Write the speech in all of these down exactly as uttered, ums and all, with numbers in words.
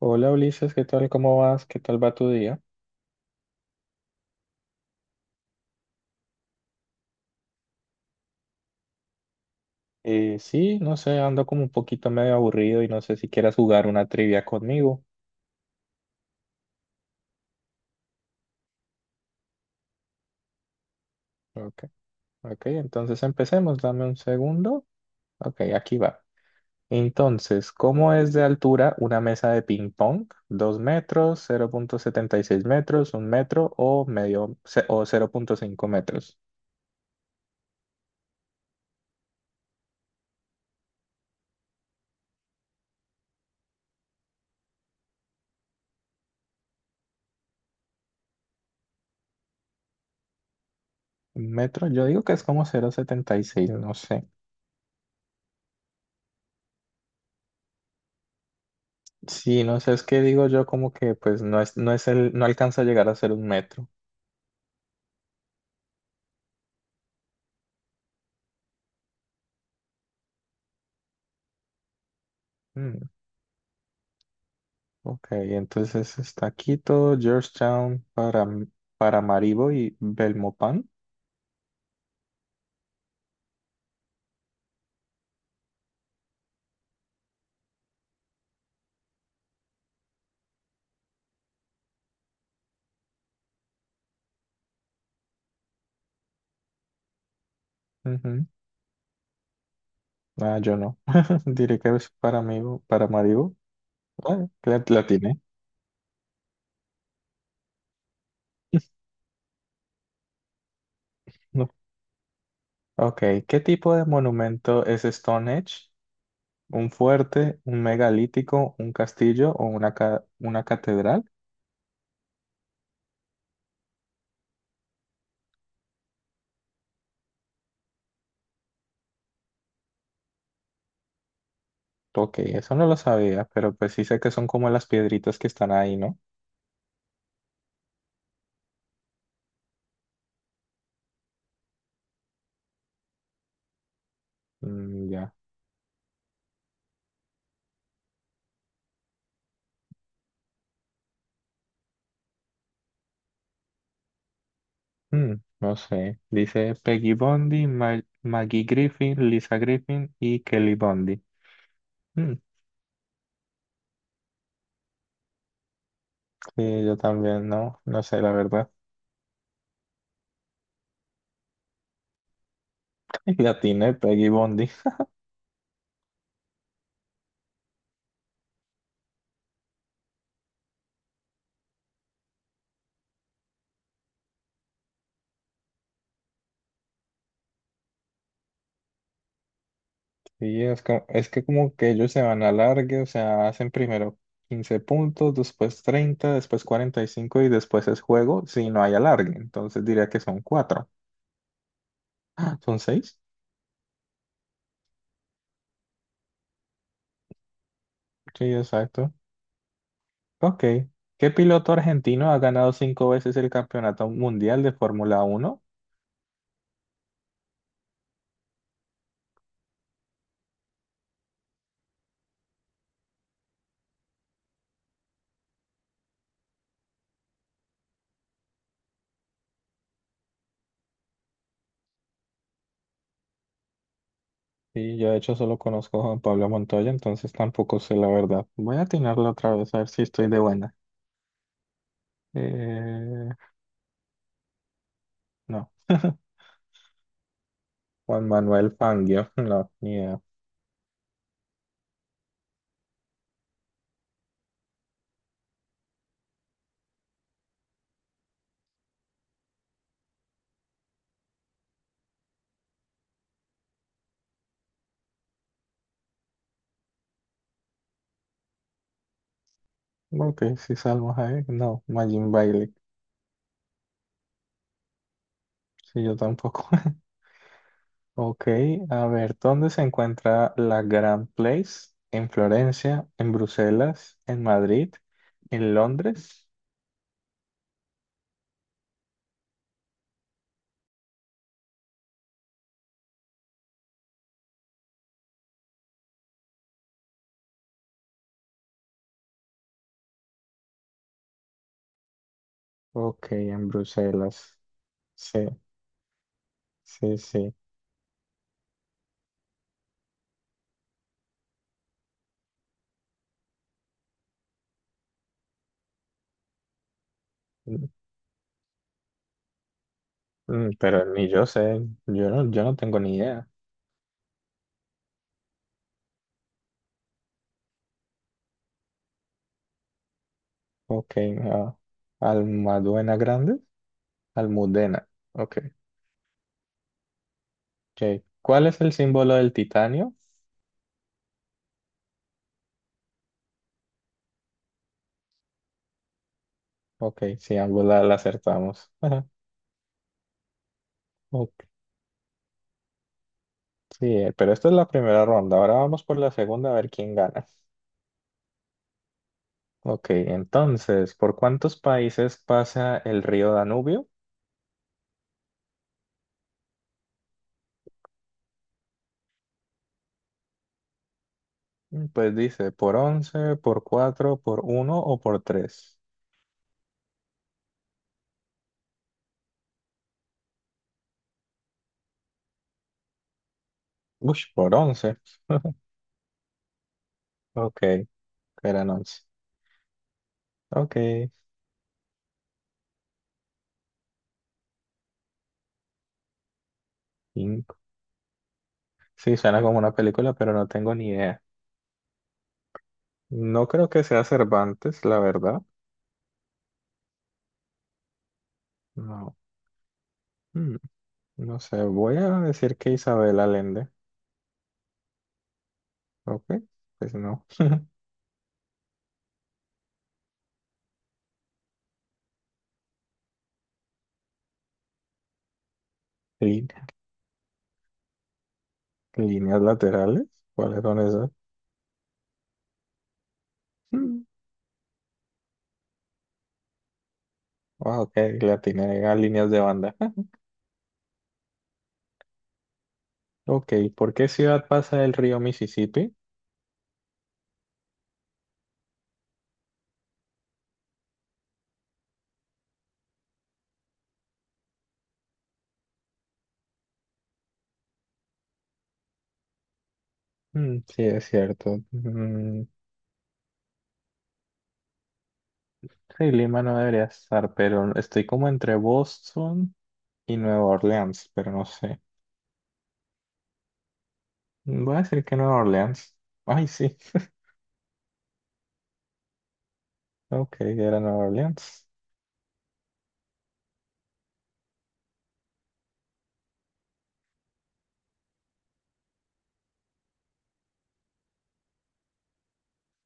Hola Ulises, ¿qué tal? ¿Cómo vas? ¿Qué tal va tu día? Eh, sí, no sé, ando como un poquito medio aburrido y no sé si quieras jugar una trivia conmigo. Ok, ok, entonces empecemos, dame un segundo. Ok, aquí va. Entonces, ¿cómo es de altura una mesa de ping pong? ¿Dos metros, cero punto setenta y seis metros, un metro o medio ce- o cero punto cinco metros? ¿Un metro? Yo digo que es como cero punto setenta y seis, no sé. Sí, no sé, es que digo yo como que pues no es, no es el, no alcanza a llegar a ser un metro. Mm, ok, entonces está Quito, Georgetown, para, Paramaribo y Belmopan. Ujú. Ah, yo no. Diré que es Paramaribo, Paramaribo. Ah, la, la atiné. No. Ok, ¿qué tipo de monumento es Stonehenge? ¿Un fuerte, un megalítico, un castillo o una, ca- una catedral? Ok, eso no lo sabía, pero pues sí sé que son como las piedritas que están ahí, ¿no? Mm, ya. Mm, no sé. Dice Peggy Bondi, Ma- Maggie Griffin, Lisa Griffin y Kelly Bondi. Mm, sí, yo también, no, no sé, la verdad. La tiene Peggy Bondi. Sí, es que, es que como que ellos se van a largue, o sea, hacen primero quince puntos, después treinta, después cuarenta y cinco y cinco y después es juego si no hay alargue. Entonces diría que son cuatro. Ah, ¿son seis? Sí, exacto. Ok. ¿Qué piloto argentino ha ganado cinco veces el Campeonato Mundial de Fórmula Uno? Sí, yo de hecho solo conozco a Juan Pablo Montoya, entonces tampoco sé la verdad. Voy a atinarlo otra vez a ver si estoy de buena. Eh, no. Juan Manuel Fangio, no, ni idea. Ok, si Salmo Hayek, no, Majin Bailey, sí, yo tampoco. Ok, a ver, ¿dónde se encuentra la Grand Place? ¿En Florencia? ¿En Bruselas? ¿En Madrid? ¿En Londres? Ok, en Bruselas. Sí, sí, sí. Mm, mm, pero ni yo sé, yo no, yo no tengo ni idea. Ok, ah, Almaduena Grande, Almudena. Ok, ok. ¿Cuál es el símbolo del titanio? Ok, sí, ambos la, la acertamos. Ajá, ok, sí, eh, pero esta es la primera ronda, ahora vamos por la segunda a ver quién gana. Ok, entonces, ¿por cuántos países pasa el río Danubio? Mm, pues dice, por once, por cuatro, por uno o por tres. Uy, por once. Ok, eran once. Ok, cinco. Sí, suena como una película, pero no tengo ni idea. No creo que sea Cervantes, la verdad. No. Mm, no sé, voy a decir que Isabel Allende. Ok, pues no. Lí- Líneas laterales, ¿cuáles son esas? Mm, ah, ok, la tiene a líneas de banda. Ok, ¿por qué ciudad pasa el río Mississippi? Mm, sí, es cierto. Mm, sí, Lima no debería estar, pero estoy como entre Boston y Nueva Orleans, pero no sé. Voy a decir que Nueva Orleans. Ay, sí. Ok, era Nueva Orleans.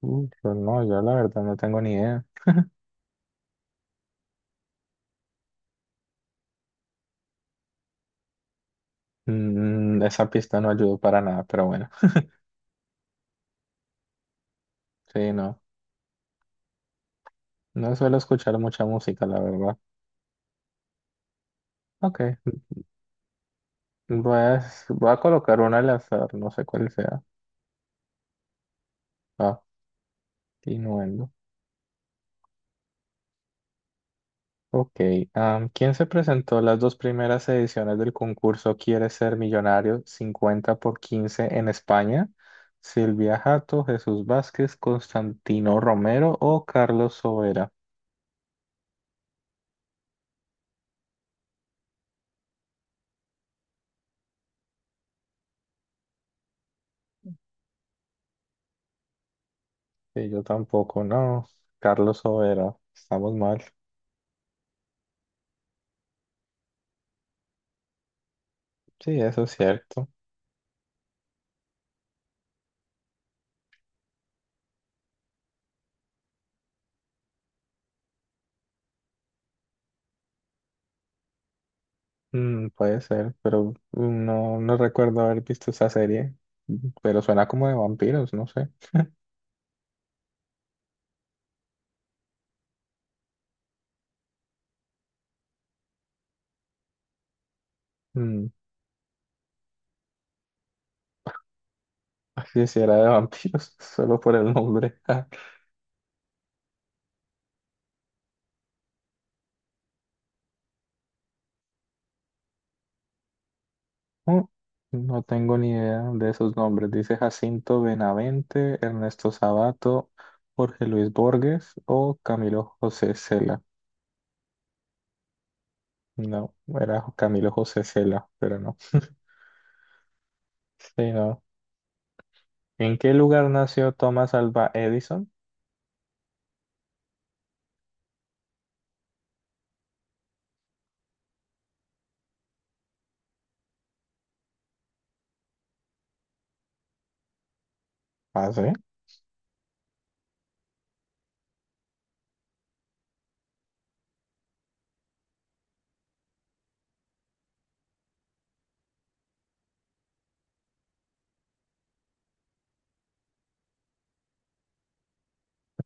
Uh, pero no, yo la verdad no tengo ni idea. Mm, esa pista no ayudó para nada, pero bueno. Sí, no. No suelo escuchar mucha música, la verdad. Ok, voy a, voy a colocar una al azar, no sé cuál sea. Ah, Innuendo. Ok, am, ¿quién se presentó a las dos primeras ediciones del concurso Quiere ser millonario cincuenta por quince en España? ¿Silvia Jato, Jesús Vázquez, Constantino Romero o Carlos Sobera? Sí, yo tampoco, no. Carlos Sobera, estamos mal. Sí, eso es cierto. Mm, puede ser, pero mm, no, no recuerdo haber visto esa serie, mm, pero suena como de vampiros, no sé. Mm, quisiera de vampiros, solo por el nombre. Mm, no tengo ni idea de esos nombres. Dice Jacinto Benavente, Ernesto Sabato, Jorge Luis Borges o Camilo José Cela. No, era Camilo José Cela, pero no. Sí, no. ¿En qué lugar nació Thomas Alva Edison? Ah, sí.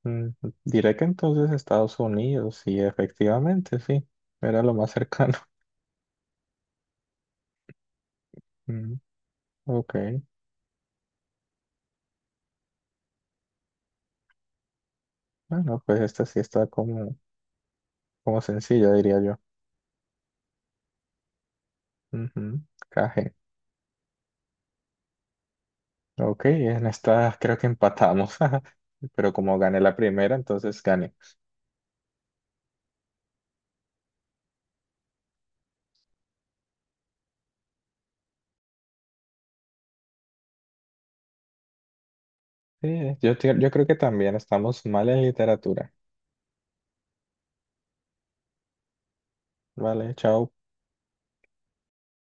Mm, diré que entonces Estados Unidos, y efectivamente, sí. Era lo más cercano. Mm, ok. Bueno, pues esta sí está como, como sencilla, diría yo. Ujú. Caje. Ok, en esta creo que empatamos, pero como gané la primera, entonces gané. Sí, yo, te- yo creo que también estamos mal en literatura. Vale, chao.